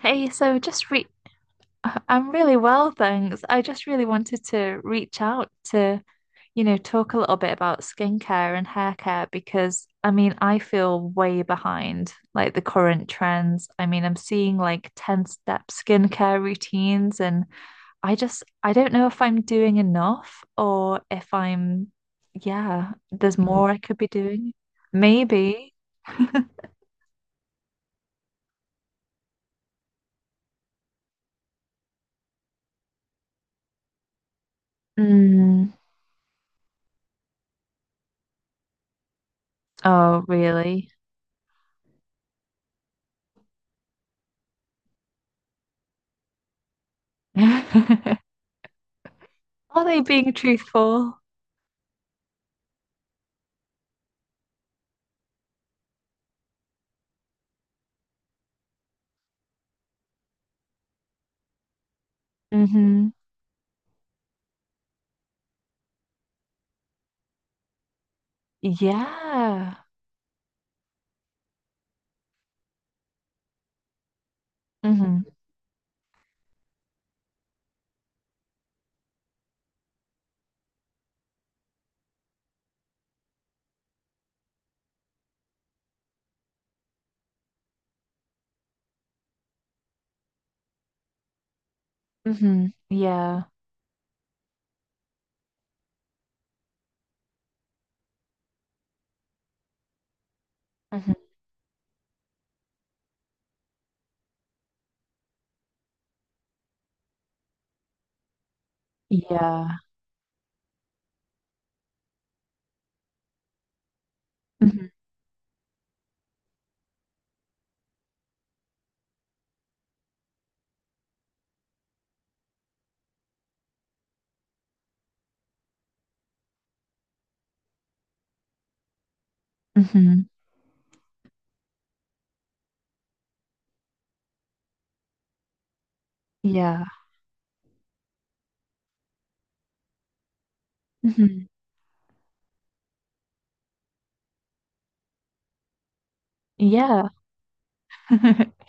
Hey, so just re I'm really well, thanks. I just really wanted to reach out to, you know, talk a little bit about skincare and hair care because I mean, I feel way behind like the current trends. I mean, I'm seeing like 10-step skincare routines and I don't know if I'm doing enough or if I'm yeah, there's more I could be doing. Maybe. Mm. Oh, really? Are they being truthful? Mm-hmm. Yeah. Mm-hmm. Mm-hmm. Yeah. Mm-hmm. Yeah. Mm-hmm. Mm-hmm. Yeah. Mm-hmm. Yeah.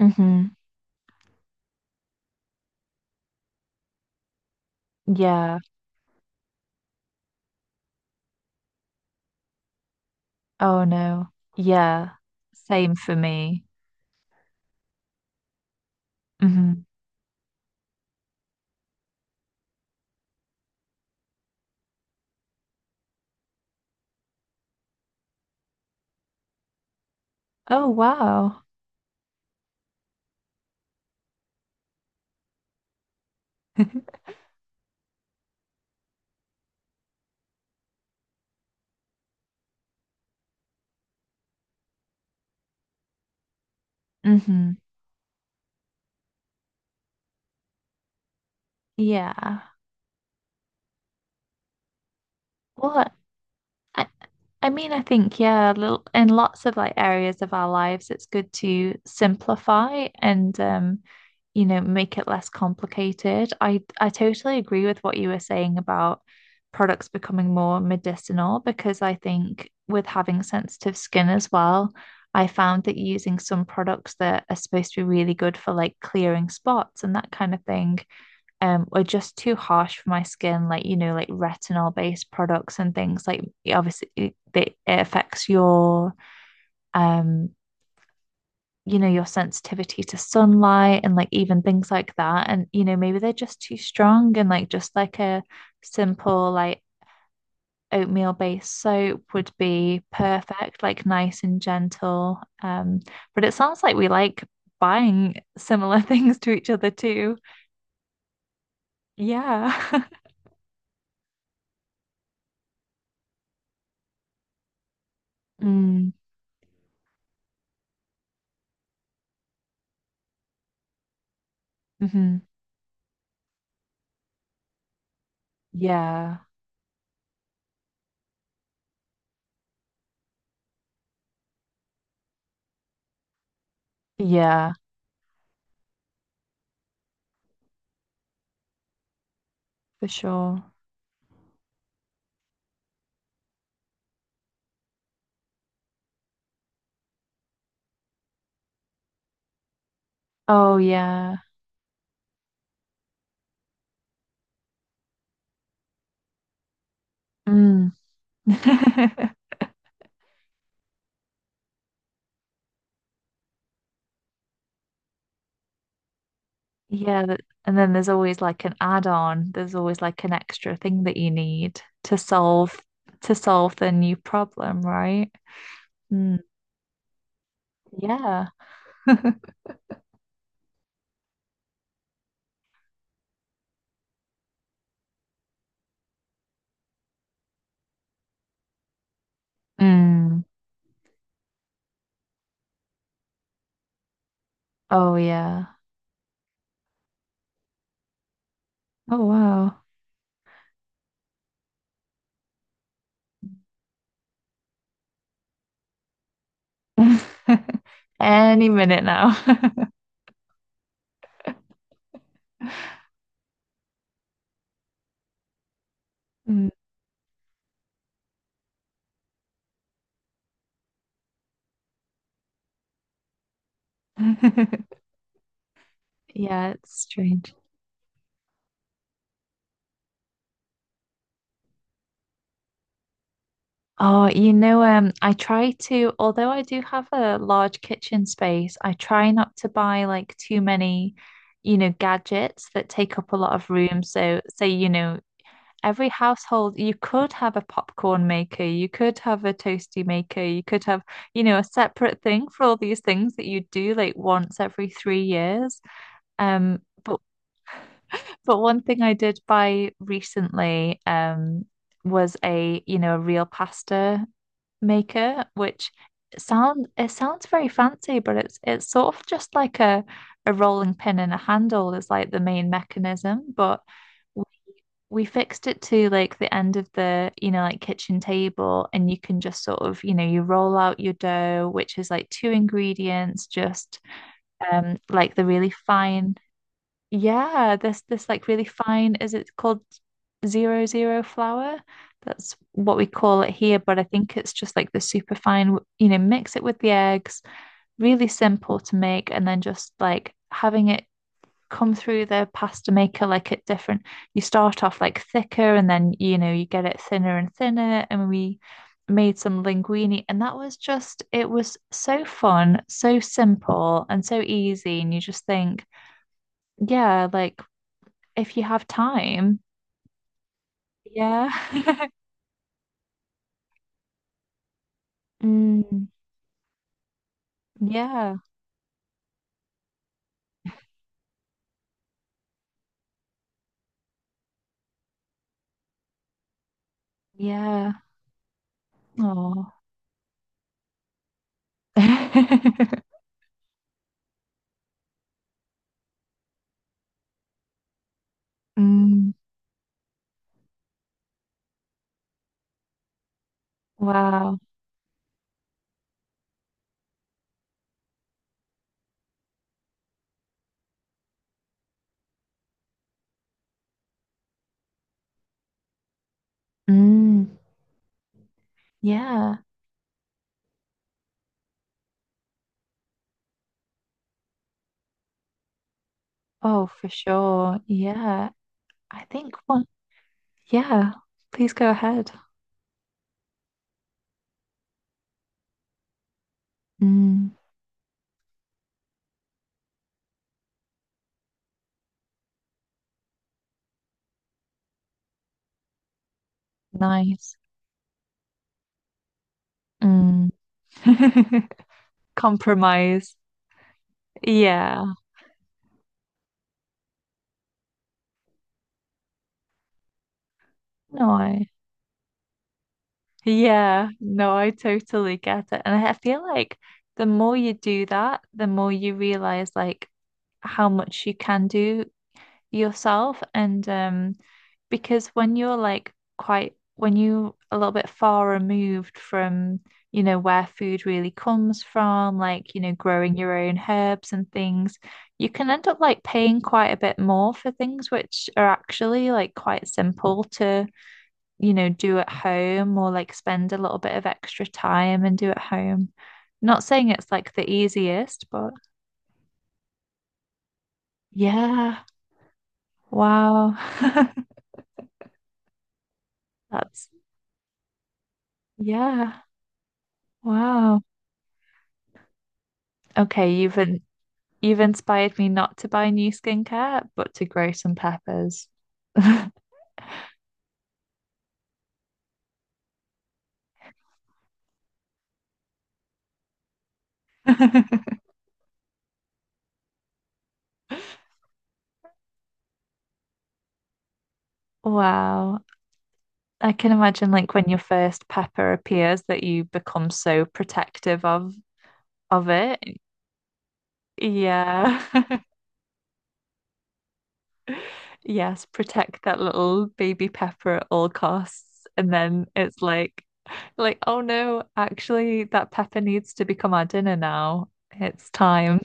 Mm-hmm. Yeah. Oh no. Yeah. Same for me. Mm-hmm. Oh wow. Mm-hmm. Yeah. What? I mean, I think, yeah, little, in lots of like areas of our lives, it's good to simplify and you know, make it less complicated. I totally agree with what you were saying about products becoming more medicinal because I think with having sensitive skin as well, I found that using some products that are supposed to be really good for like clearing spots and that kind of thing were just too harsh for my skin, like, you know, like retinol based products and things like obviously it affects your um you know, your sensitivity to sunlight and like even things like that. And you know, maybe they're just too strong and like just like a simple like oatmeal based soap would be perfect, like nice and gentle. But it sounds like we like buying similar things to each other too, yeah. mm, mhm. yeah. Yeah, for sure. Oh yeah. Mm. Yeah, that, and then there's always like an add-on. There's always like an extra thing that you need to solve the new problem, right? Mm. Yeah. Mm. Oh yeah. Oh wow. Any minute now. Mm. Yeah, it's strange. Oh, I try to, although I do have a large kitchen space, I try not to buy like too many, you know, gadgets that take up a lot of room. So, say, you know, every household, you could have a popcorn maker, you could have a toasty maker, you could have, you know, a separate thing for all these things that you do like once every three years. Um, but but one thing I did buy recently, was a, you know, a real pasta maker, which sound it sounds very fancy, but it's sort of just like a rolling pin and a handle is like the main mechanism, but w- we fixed it to like the end of the, you know, like kitchen table, and you can just sort of, you know, you roll out your dough, which is like two ingredients, just like the really fine yeah, this like really fine, is it called zero zero flour? That's what we call it here, but I think it's just like the super fine, you know, mix it with the eggs, really simple to make, and then just like having it come through the pasta maker like at different, you start off like thicker and then, you know, you get it thinner and thinner, and we made some linguine, and that was just, it was so fun, so simple and so easy, and you just think, yeah, like if you have time. Yeah. Mm, yeah. Yeah. Oh. Mm, wow. Mm, yeah. Oh, for sure. Yeah. I think one. Yeah. Please go ahead. Mm, nice. Mm. Compromise. Yeah. No. Yeah, no, I totally get it. And I feel like the more you do that, the more you realize like how much you can do yourself. And because when you're like quite, when you a little bit far removed from, you know, where food really comes from, like, you know, growing your own herbs and things, you can end up like paying quite a bit more for things which are actually like quite simple, you know, do at home or like spend a little bit of extra time and do at home. Not saying it's like the easiest, but yeah, wow. That's yeah, wow. Okay, you've inspired me not to buy new skincare, but to grow some peppers. Wow. I can imagine like when your first pepper appears that you become so protective of it. Yeah. Yes, protect that little baby pepper at all costs. And then it's like, oh no, actually, that pepper needs to become our dinner now. It's time.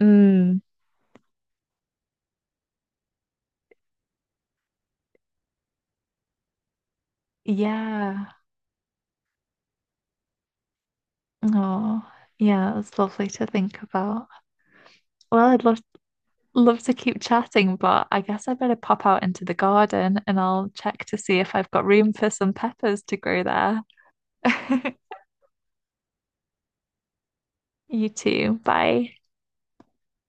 Mm, yeah. Oh, yeah, it's lovely to think about. Well, I'd love love to keep chatting, but I guess I better pop out into the garden and I'll check to see if I've got room for some peppers to grow there. You too. Bye.